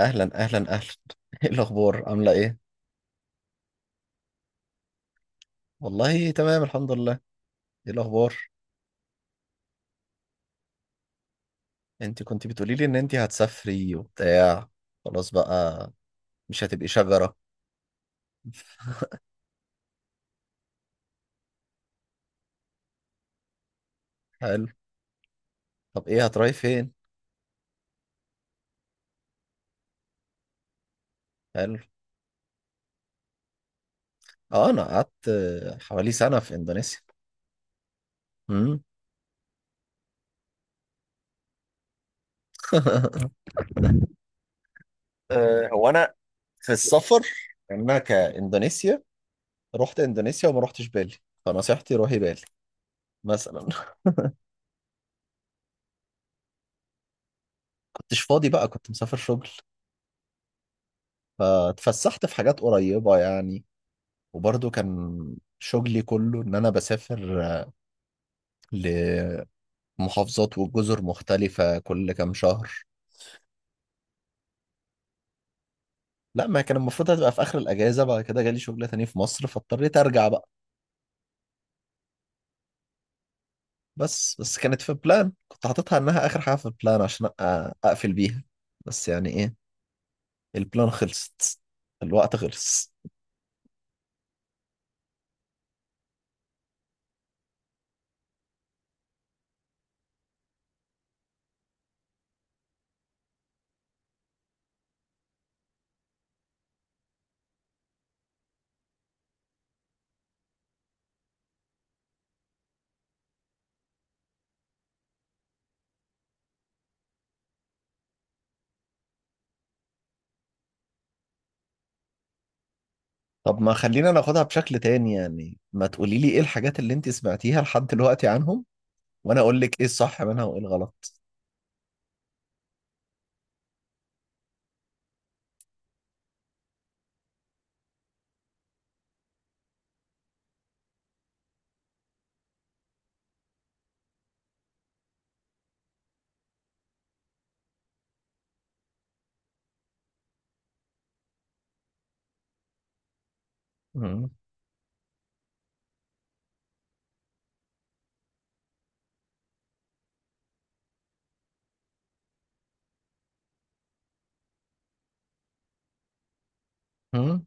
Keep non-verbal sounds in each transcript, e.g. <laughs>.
اهلا اهلا اهلا. <laughs> ايه الاخبار عامله ايه؟ والله تمام الحمد لله. ايه الاخبار؟ انت كنت بتقولي لي ان انت هتسافري وبتاع. خلاص بقى، مش هتبقي شجره. <laughs> حلو. طب ايه هتروحي فين؟ حلو. اه انا قعدت حوالي سنه في اندونيسيا. مم. <laughs> هو انا في السفر، يعني انا كاندونيسيا رحت اندونيسيا وما رحتش بالي، فنصيحتي روحي بالي مثلا. <laughs> كنتش فاضي بقى، كنت مسافر شغل، فتفسحت في حاجات قريبه يعني. وبرضه كان شغلي كله إن أنا بسافر لمحافظات وجزر مختلفة كل كام شهر. لا، ما كان المفروض، هتبقى في آخر الأجازة. بعد كده جالي شغل تاني في مصر فاضطريت أرجع بقى. بس كانت في بلان، كنت حاططها إنها آخر حاجة في البلان عشان أقفل بيها. بس يعني إيه، البلان خلصت، الوقت خلص. طب ما خلينا ناخدها بشكل تاني، يعني ما تقولي لي إيه الحاجات اللي أنت سمعتيها لحد دلوقتي عنهم وأنا أقول لك إيه الصح منها وإيه الغلط. مم. مم.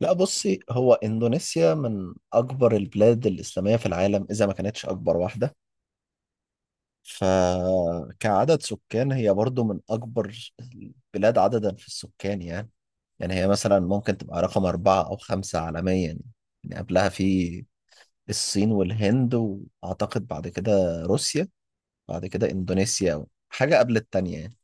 لا بصي، هو إندونيسيا من أكبر البلاد الإسلامية في العالم، إذا ما كانتش أكبر واحدة. فكعدد سكان هي برضو من أكبر البلاد عددا في السكان يعني. يعني هي مثلا ممكن تبقى رقم أربعة أو خمسة عالميا يعني. يعني قبلها في الصين والهند، وأعتقد بعد كده روسيا، بعد كده إندونيسيا حاجة قبل التانية يعني.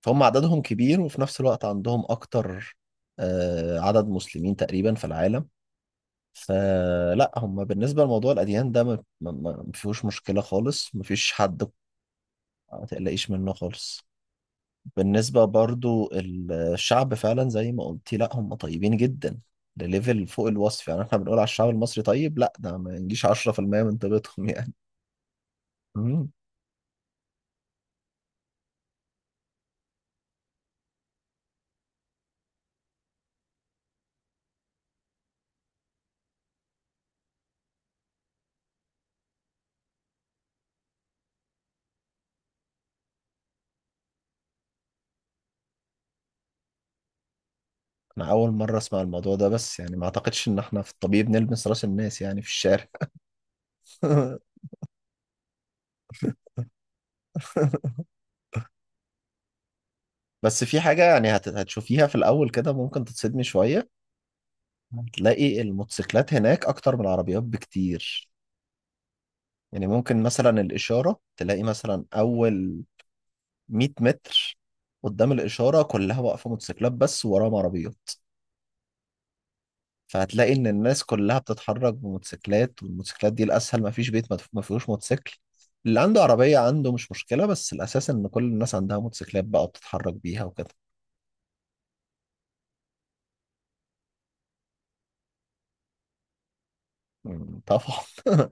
فهم عددهم كبير، وفي نفس الوقت عندهم أكتر عدد مسلمين تقريبا في العالم. فلا هم بالنسبة لموضوع الأديان ده ما فيهوش مشكلة خالص، ما فيش حد ما تقلقيش منه خالص. بالنسبة برضو الشعب فعلا زي ما قلتي، لا هم طيبين جدا، لليفل فوق الوصف. يعني احنا بنقول على الشعب المصري طيب، لا ده ما ينجيش 10% من طيبتهم يعني. مم. أنا أول مرة أسمع الموضوع ده، بس يعني ما أعتقدش إن احنا في الطبيعي بنلمس راس الناس يعني في الشارع. <laughs> بس في حاجة يعني هتشوفيها في الأول كده، ممكن تتصدمي شوية. هتلاقي الموتوسيكلات هناك أكتر من العربيات بكتير. يعني ممكن مثلا الإشارة تلاقي مثلا أول 100 متر قدام الإشارة كلها واقفة موتوسيكلات بس، ووراهم عربيات. فهتلاقي إن الناس كلها بتتحرك بموتوسيكلات، والموتوسيكلات دي الأسهل، مفيش بيت ما فيهوش موتوسيكل. اللي عنده عربية عنده، مش مشكلة، بس الأساس إن كل الناس عندها موتوسيكلات بقى وبتتحرك بيها وكده. مم، طبعا. <laughs>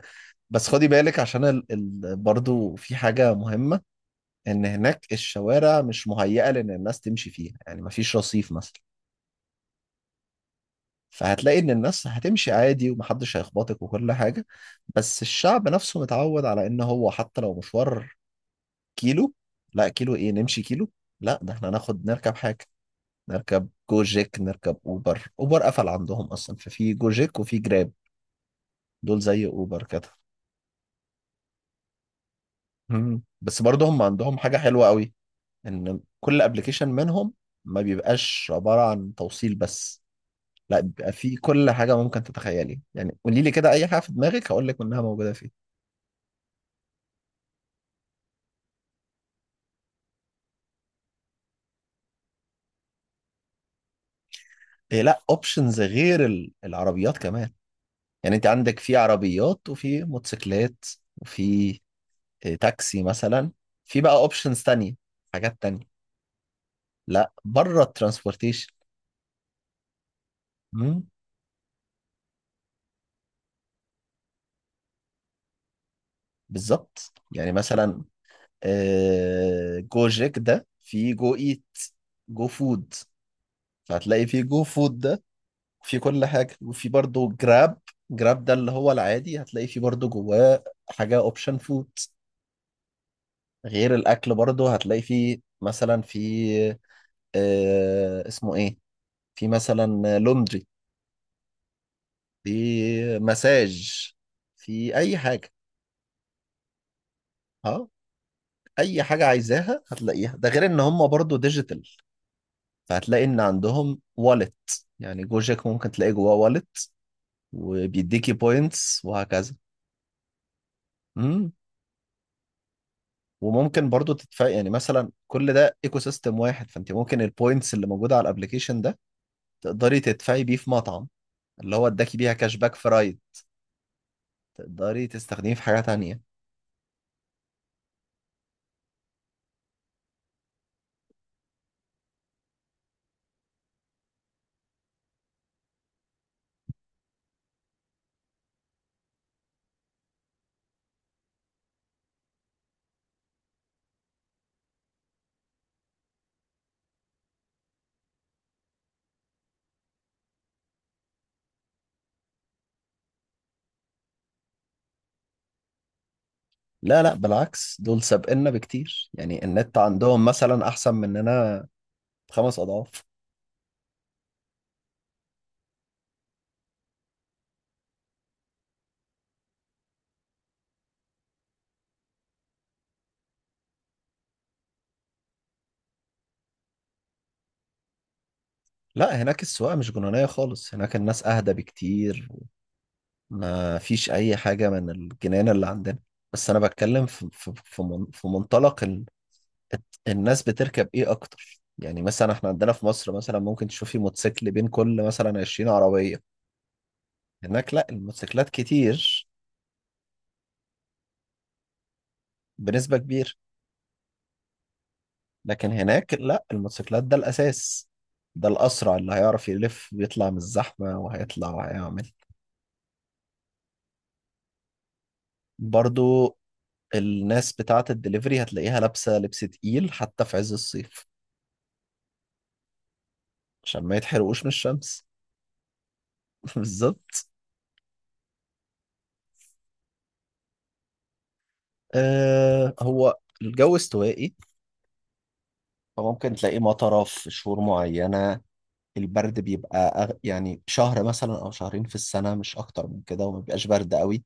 بس خدي بالك عشان برضو في حاجة مهمة، ان هناك الشوارع مش مهيئه لان الناس تمشي فيها، يعني مفيش رصيف مثلا. فهتلاقي ان الناس هتمشي عادي ومحدش هيخبطك وكل حاجه. بس الشعب نفسه متعود على ان هو حتى لو مشوار كيلو، لا كيلو ايه نمشي كيلو، لا ده احنا ناخد نركب حاجه. نركب جوجيك، نركب اوبر. اوبر قفل عندهم اصلا، ففي جوجيك وفي جراب، دول زي اوبر كده. مم. بس برضه هم عندهم حاجه حلوه قوي، ان كل ابلكيشن منهم ما بيبقاش عباره عن توصيل بس، لا بيبقى فيه كل حاجة ممكن تتخيلي. يعني قولي لي كده أي حاجة في دماغك هقول لك إنها موجودة فيه. إيه، لا أوبشنز غير العربيات كمان. يعني أنت عندك في عربيات وفي موتوسيكلات وفي إيه، تاكسي مثلا. في بقى أوبشنز تانية، حاجات تانية. لا، بره الترانسبورتيشن. مم، بالظبط. يعني مثلا جو جيك ده، في جو إيت، جو فود. فهتلاقي في جو فود ده في كل حاجة، وفي برضه جراب. جراب ده اللي هو العادي، هتلاقي فيه برضه جواه حاجة اوبشن فود. غير الأكل برضه هتلاقي فيه مثلا، في آه اسمه ايه، في مثلا لوندري، في مساج، في أي حاجة. ها، أي حاجة عايزاها هتلاقيها. ده غير إن هم برضه ديجيتال، فهتلاقي إن عندهم والت. يعني جوجك ممكن تلاقي جواه والت وبيديكي بوينتس وهكذا. وممكن برضو تدفع، يعني مثلا كل ده ايكو سيستم واحد، فانت ممكن البوينتس اللي موجوده على الابلكيشن ده تقدري تدفعي بيه في مطعم، اللي هو اداكي بيها كاش باك في رايد، تقدري تستخدميه في حاجه تانية. لا بالعكس، دول سابقنا بكتير، يعني النت عندهم مثلا احسن مننا خمس اضعاف. لا هناك السواقه مش جنونيه خالص، هناك الناس اهدى بكتير، ما فيش اي حاجه من الجنان اللي عندنا. بس انا بتكلم في منطلق الناس بتركب ايه اكتر. يعني مثلا احنا عندنا في مصر مثلا ممكن تشوفي موتوسيكل بين كل مثلا 20 عربية. هناك لا الموتوسيكلات كتير بنسبة كبيرة. لكن هناك لا الموتوسيكلات ده الأساس، ده الأسرع اللي هيعرف يلف ويطلع من الزحمة وهيطلع وهيعمل. برضو الناس بتاعة الدليفري هتلاقيها لابسة لبس تقيل حتى في عز الصيف، عشان ما يتحرقوش من الشمس. <laughs> بالظبط. آه هو الجو استوائي، فممكن تلاقيه مطرة في شهور معينة. البرد بيبقى يعني شهر مثلا او شهرين في السنه، مش اكتر من كده، وما بيبقاش برد قوي.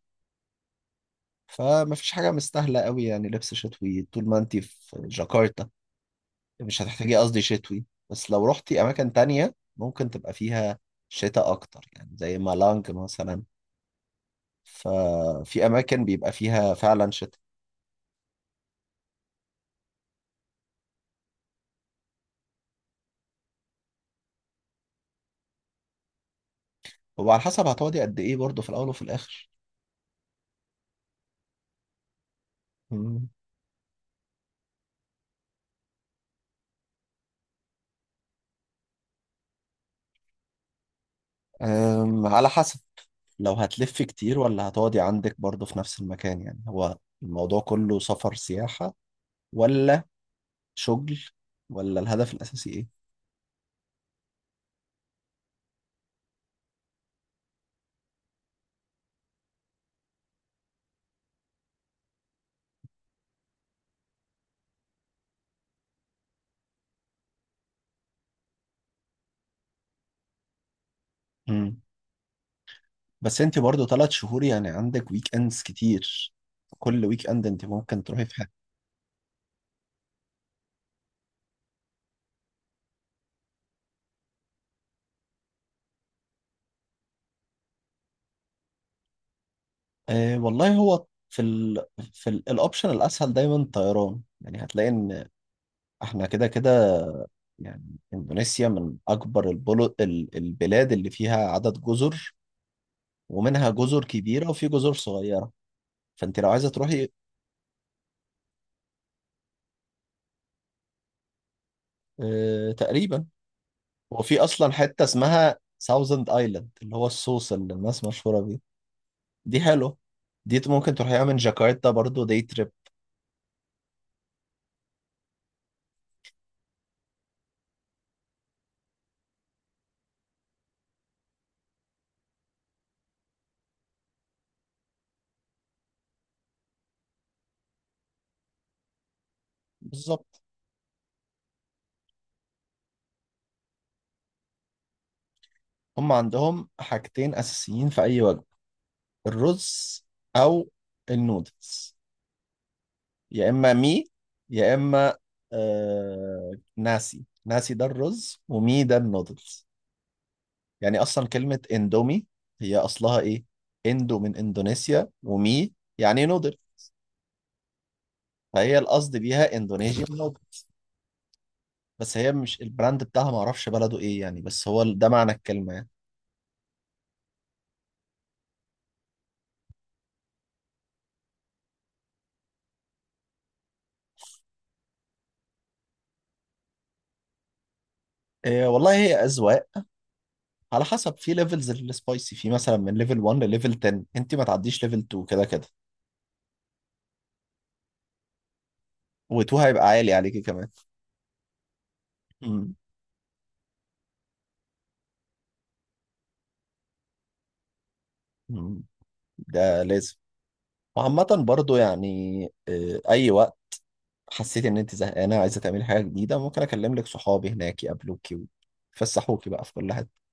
فما فيش حاجه مستاهله قوي يعني لبس شتوي طول ما انت في جاكرتا. مش هتحتاجي، قصدي شتوي، بس لو رحتي اماكن تانية ممكن تبقى فيها شتاء اكتر، يعني زي مالانج مثلا، ففي اماكن بيبقى فيها فعلا شتاء. وعلى حسب هتقعدي قد ايه برضه في الاول وفي الاخر. أم، على حسب، لو هتلف كتير ولا هتقعدي عندك برضه في نفس المكان. يعني هو الموضوع كله سفر سياحة ولا شغل، ولا الهدف الأساسي إيه؟ مم. بس أنت برضه ثلاث شهور، يعني عندك ويك أندز كتير، كل ويك أند أنت ممكن تروحي في حاجة. أه والله، هو في ال، في الأوبشن الأسهل دايما طيران. يعني هتلاقي إن إحنا كده كده، يعني إندونيسيا من أكبر البلاد اللي فيها عدد جزر، ومنها جزر كبيرة وفي جزر صغيرة. فأنت لو عايزة تروحي، تقريبا. وفي أصلا حتة اسمها ساوزند آيلاند، اللي هو الصوص اللي الناس مشهورة بيه. دي حلوة، دي ممكن تروحيها من جاكرتا برضو، دي تريب. بالظبط. هم عندهم حاجتين أساسيين في أي وجبة، الرز أو النودلز، يا إما مي يا إما آه ناسي. ناسي ده الرز ومي ده النودلز. يعني اصلا كلمه اندومي هي اصلها ايه، اندو من اندونيسيا ومي يعني نودل. فهي القصد بيها اندونيسيا نودل. بس هي مش البراند بتاعها، ما اعرفش بلده ايه يعني، بس هو ال، ده معنى الكلمه يعني. إيه والله هي اذواق. على حسب، في ليفلز للسبايسي، في مثلا من ليفل 1 لليفل 10، انت ما تعديش ليفل 2 كده كده، و2 هيبقى عالي عليكي كمان. مم. مم. ده لازم. وعامة برضو يعني أي حسيتي ان انت زهقانه وعايزه تعملي حاجه جديده، ممكن اكلم لك صحابي هناك يقابلوكي ويفسحوكي بقى في كل حته.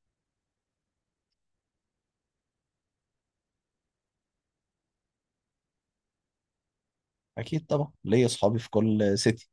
اكيد طبعا، ليا صحابي في كل سيتي.